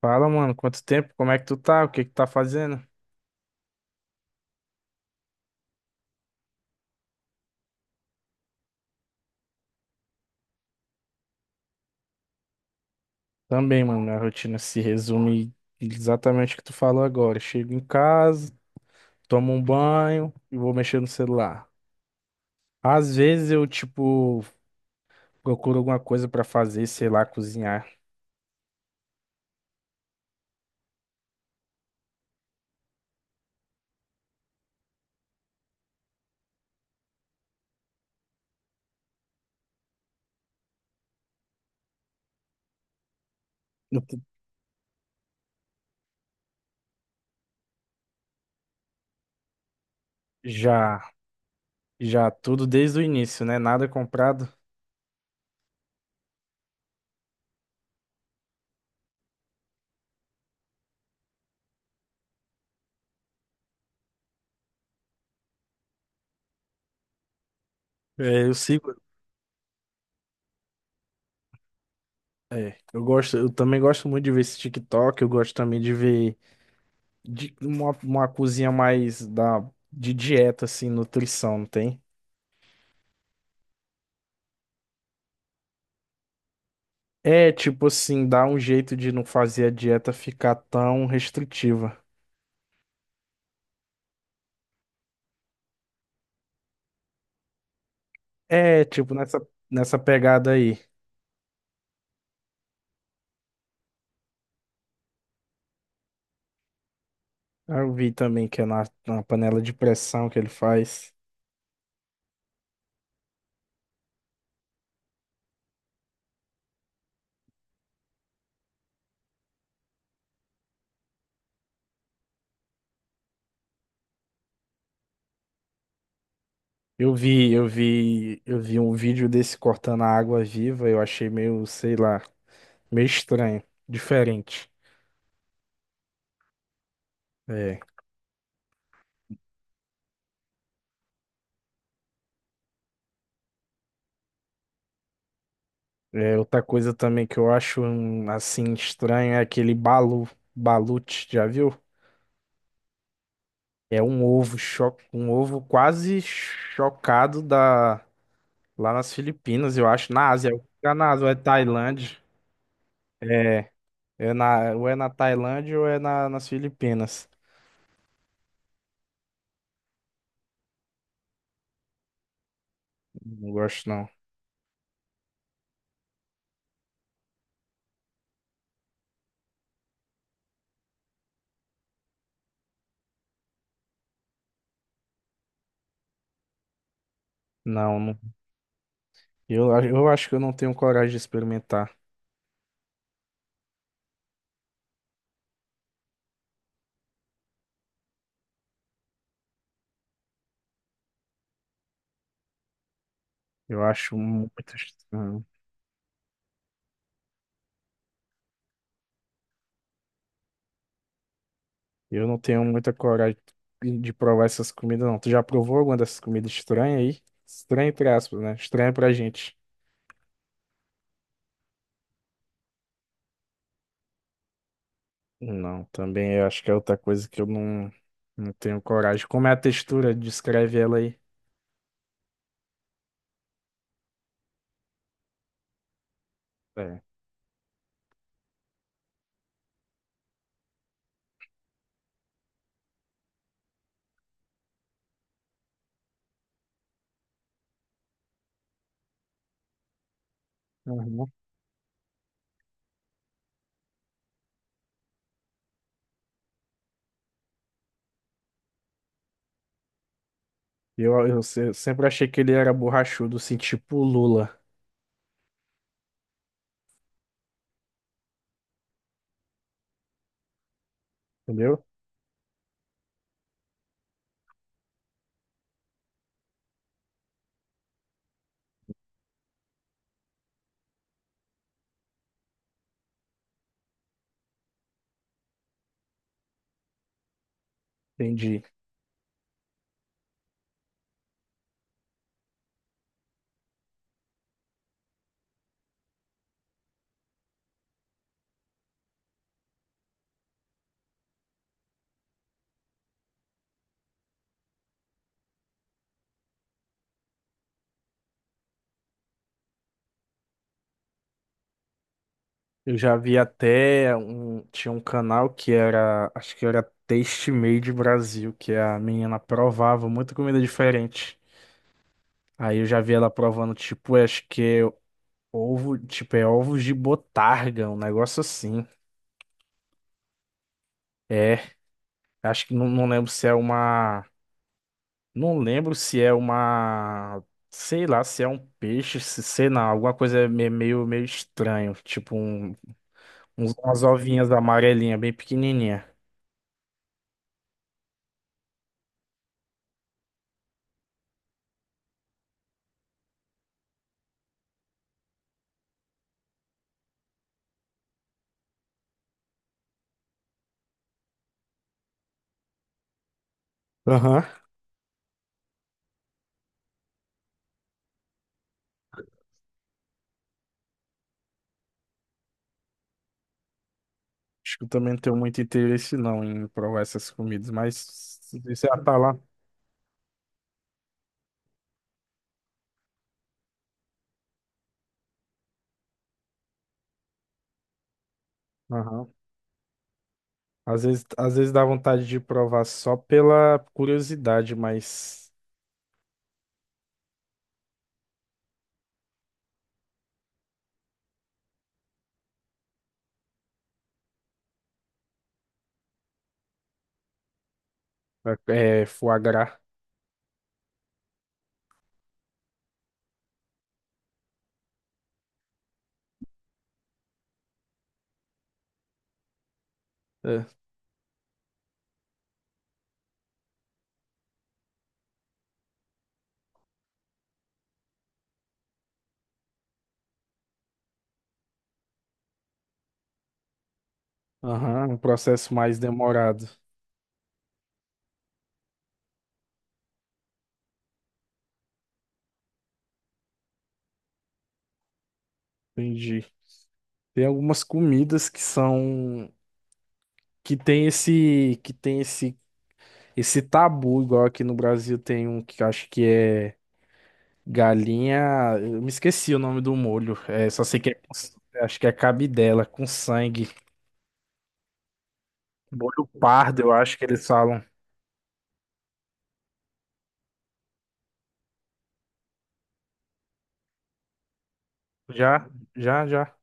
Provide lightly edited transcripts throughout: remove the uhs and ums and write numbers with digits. Fala, mano, quanto tempo? Como é que tu tá? O que que tá fazendo? Também, mano, minha rotina se resume exatamente o que tu falou agora. Eu Chego em casa, tomo um banho e vou mexer no celular. Às vezes eu, tipo, procuro alguma coisa pra fazer, sei lá, cozinhar. Eu t- Já, já tudo desde o início, né? Nada comprado. É, eu sigo. É, eu gosto, eu também gosto muito de ver esse TikTok, eu gosto também de ver uma cozinha mais de dieta, assim, nutrição, não tem? É, tipo assim, dá um jeito de não fazer a dieta ficar tão restritiva. É, tipo, nessa pegada aí. Ah, eu vi também que é na panela de pressão que ele faz. Eu vi um vídeo desse cortando a água viva, eu achei meio, sei lá, meio estranho, diferente. É. É, outra coisa também que eu acho assim estranho é aquele balute, já viu? É um ovo, cho um ovo quase chocado da Lá nas Filipinas, eu acho, na Ásia. Fica na Ásia, ou é Tailândia. É, é ou é na Tailândia ou é na, nas Filipinas. Não gosto, não. Não, não. Eu acho que eu não tenho coragem de experimentar. Eu acho muito estranho. Eu não tenho muita coragem de provar essas comidas, não. Tu já provou alguma dessas comidas estranhas aí? Estranha, entre aspas, né? Estranha pra gente. Não, também eu acho que é outra coisa que eu não, não tenho coragem. Como é a textura? Descreve ela aí. É. Uhum. Eu se- sempre achei que ele era borrachudo, assim, tipo o Lula, entendeu? Entendi. Eu já vi até um, tinha um canal que era, acho que era Taste Made Brasil, que a menina provava muita comida diferente. Aí eu já vi ela provando, tipo, acho que é ovo, tipo, é ovos de botarga, um negócio assim. É, acho que não, não lembro se é uma. Não lembro se é uma. Sei lá, se é um peixe, se sei lá, alguma coisa meio estranho. Uns- umas ovinhas amarelinhas, bem pequenininha. Aham. Acho que eu também não tenho muito interesse não em provar essas comidas, mas se você já tá lá. Aham. Às vezes dá vontade de provar só pela curiosidade, mas é, foie gras. É. Aham, um processo mais demorado. Entendi. Tem algumas comidas que são que tem esse que tem esse tabu igual aqui no Brasil tem um que eu acho que é galinha, eu me esqueci o nome do molho. É, só sei que é, com acho que é cabidela com sangue, molho pardo, eu acho que eles falam. Já, já, já.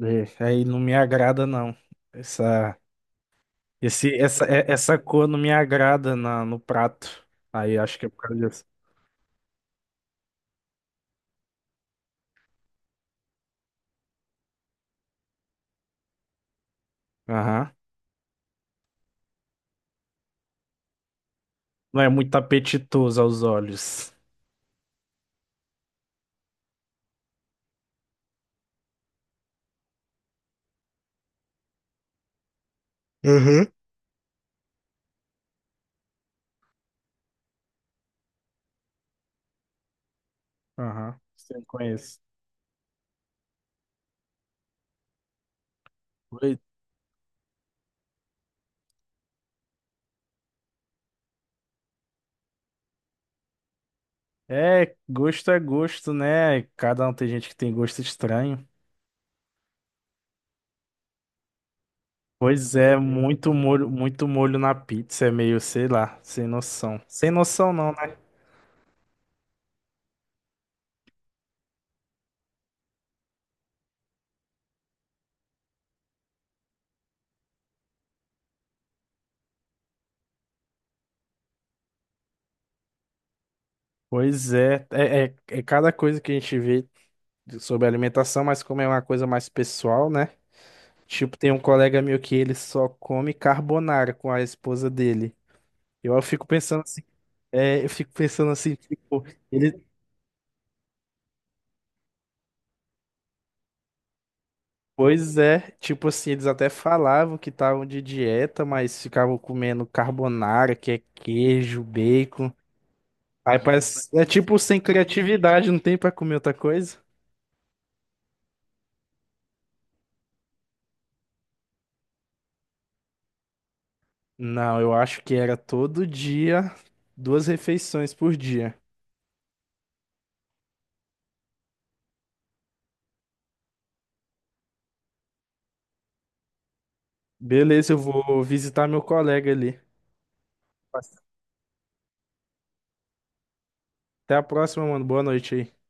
É, aí não me agrada não. Essa esse essa é- essa cor não me agrada no prato. Aí acho que é por causa disso. Aham. Não é muito apetitoso aos olhos. Uhum. Aham. Sim, conheço. É gosto, né? Cada um tem gente que tem gosto estranho. Pois é, muito molho na pizza, é meio, sei lá, sem noção. Sem noção não, né? Pois é, é, é, é cada coisa que a gente vê sobre alimentação, mas como é uma coisa mais pessoal, né? Tipo, tem um colega meu que ele só come carbonara com a esposa dele. Eu fico pensando assim, é, eu fico pensando assim, tipo, ele, pois é, tipo assim, eles até falavam que estavam de dieta, mas ficavam comendo carbonara, que é queijo, bacon. Aí parece, é tipo sem criatividade, não tem pra comer outra coisa? Não, eu acho que era todo dia, duas refeições por dia. Beleza, eu vou visitar meu colega ali. Até a próxima, mano. Boa noite aí.